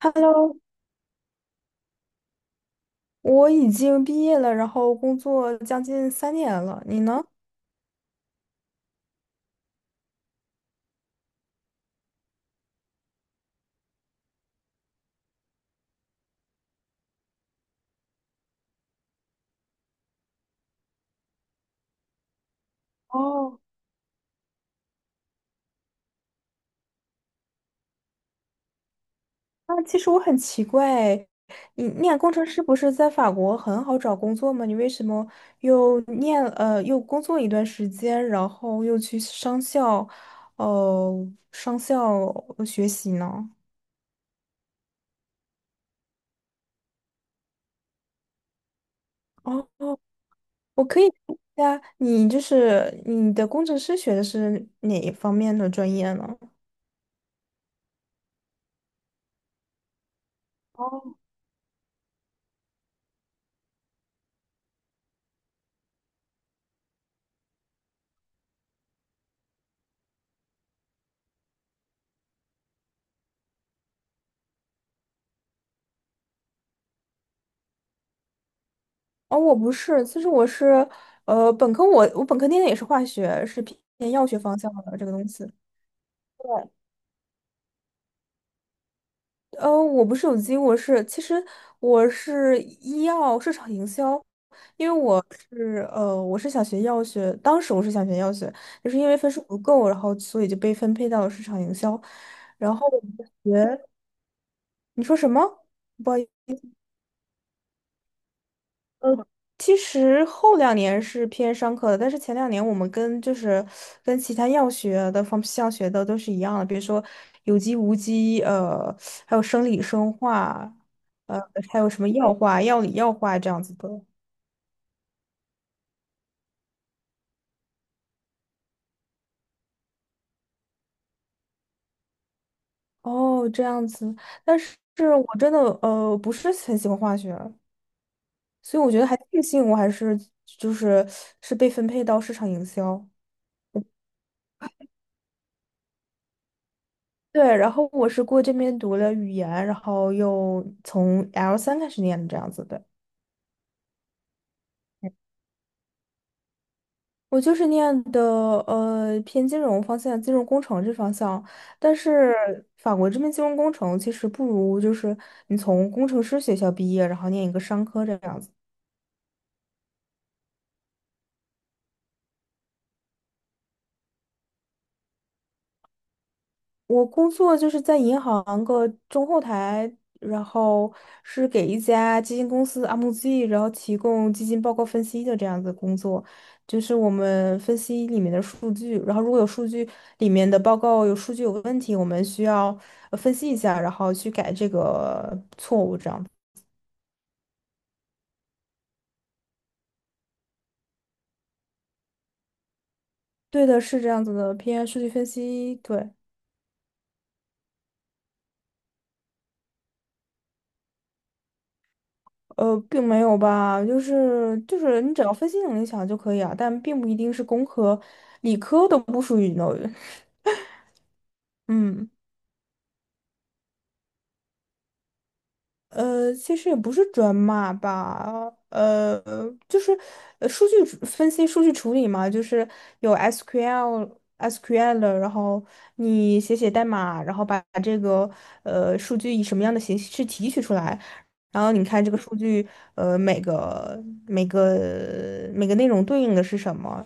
Hello，我已经毕业了，然后工作将近三年了。你呢？哦，那其实我很奇怪，你念工程师不是在法国很好找工作吗？你为什么又念又工作一段时间，然后又去商校，呃商校学习呢？哦，我可以问一下，你就是你的工程师学的是哪一方面的专业呢？哦，我不是，其实我是，本科我本科念的也是化学，是偏药学方向的这个东西。对，我不是有机，我是其实我是医药市场营销，因为我是我是想学药学，当时我是想学药学，就是因为分数不够，然后所以就被分配到了市场营销，然后我们学，你说什么？不好意思。呃，其实后两年是偏商科的，但是前两年我们跟就是跟其他药学的方向学的都是一样的，比如说有机、无机，还有生理生化，呃，还有什么药化、药理药化这样子的。哦，这样子，但是我真的不是很喜欢化学，所以我觉得还庆幸我还是就是是被分配到市场营销。对，然后我是过这边读了语言，然后又从 L 三开始念的这样子的。我就是念的偏金融方向，金融工程这方向，但是法国这边金融工程其实不如就是你从工程师学校毕业，然后念一个商科这样子。我工作就是在银行个中后台，然后是给一家基金公司 MZ，然后提供基金报告分析的这样子工作，就是我们分析里面的数据，然后如果有数据里面的报告有数据有问题，我们需要分析一下，然后去改这个错误，这样。对的，是这样子的，偏数据分析，对。并没有吧，就是你只要分析能力强就可以啊，但并不一定是工科、理科都不属于 n 嗯，其实也不是转码吧，就是数据处分析、数据处理嘛，就是有 SQL、SQL，然后你写代码，然后把这个数据以什么样的形式提取出来，然后你看这个数据，每个内容对应的是什么，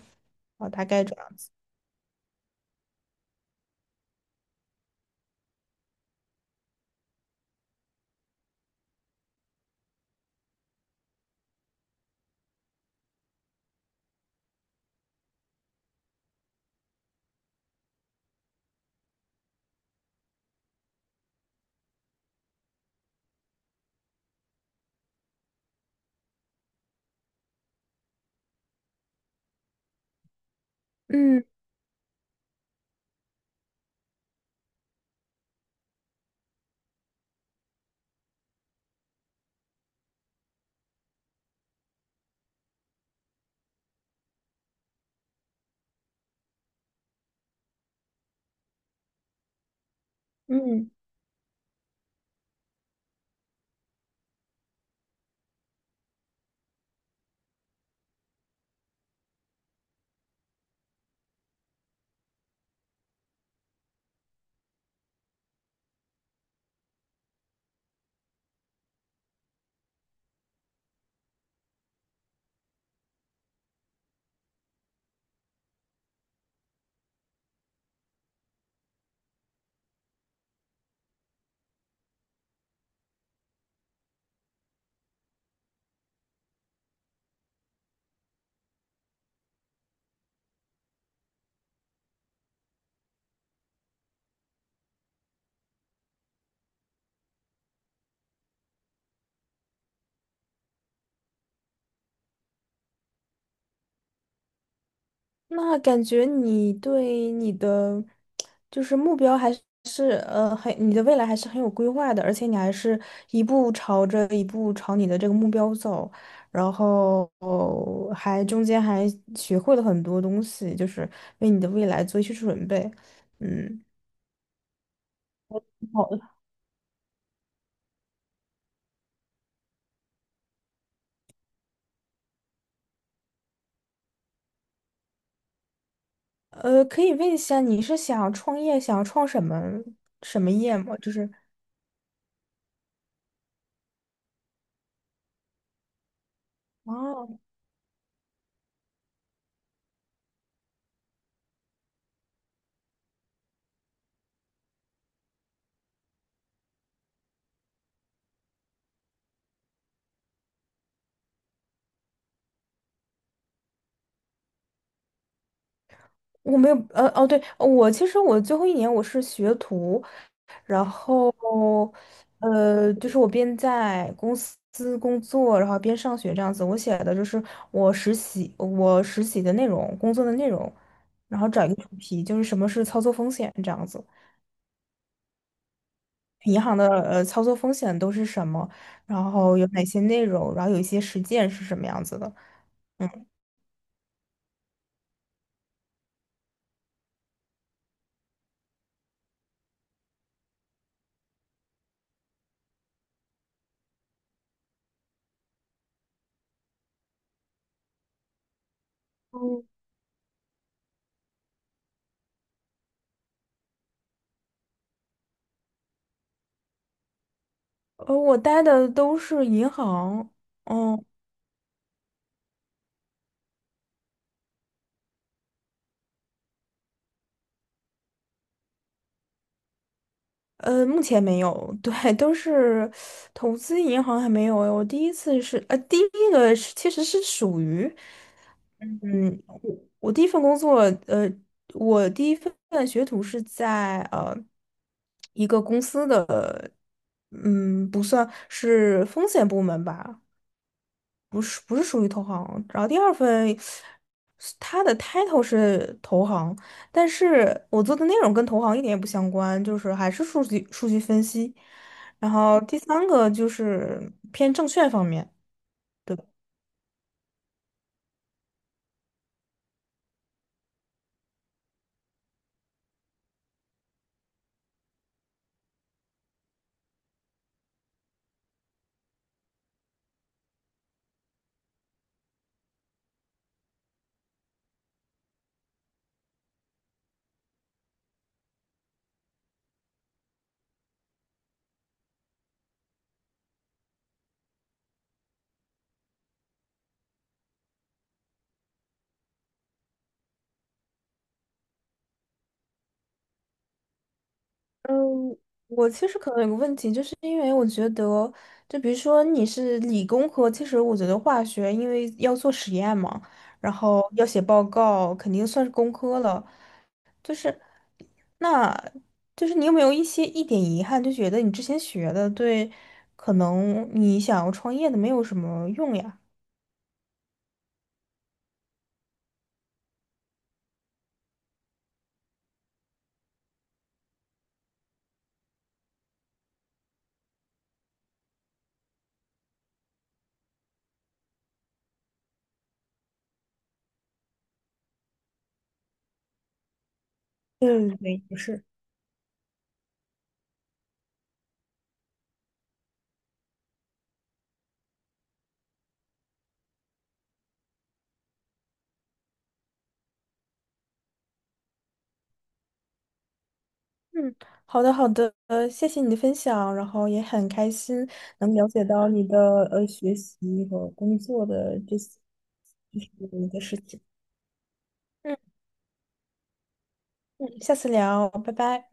哦，大概这样。嗯嗯，那感觉你对你的就是目标还是很你的未来还是很有规划的，而且你还是一步朝你的这个目标走，然后还中间还学会了很多东西，就是为你的未来做一些准备。嗯，好的可以问一下你是想创业，想创什么什么业吗？就是哦。我没有，对，我其实我最后一年我是学徒，然后，就是我边在公司工作，然后边上学这样子。我写的就是我实习，我实习的内容，工作的内容，然后找一个主题，就是什么是操作风险这样子，银行的操作风险都是什么，然后有哪些内容，然后有一些实践是什么样子的。嗯，我待的都是银行，嗯。目前没有，对，都是投资银行还没有诶。我第一次是，第一个是其实是属于，嗯，我第一份工作，呃，我第一份学徒是在一个公司的，嗯，不算是风险部门吧，不是属于投行。然后第二份，它的 title 是投行，但是我做的内容跟投行一点也不相关，就是还是数据分析。然后第三个就是偏证券方面。嗯，我其实可能有个问题，就是因为我觉得，就比如说你是理工科，其实我觉得化学因为要做实验嘛，然后要写报告，肯定算是工科了。那就是你有没有一点遗憾，就觉得你之前学的对，可能你想要创业的没有什么用呀？嗯，对，不是。嗯，好的好的，谢谢你的分享，然后也很开心能了解到你的学习和工作的这些，就是你的事情。嗯嗯，下次聊，拜拜。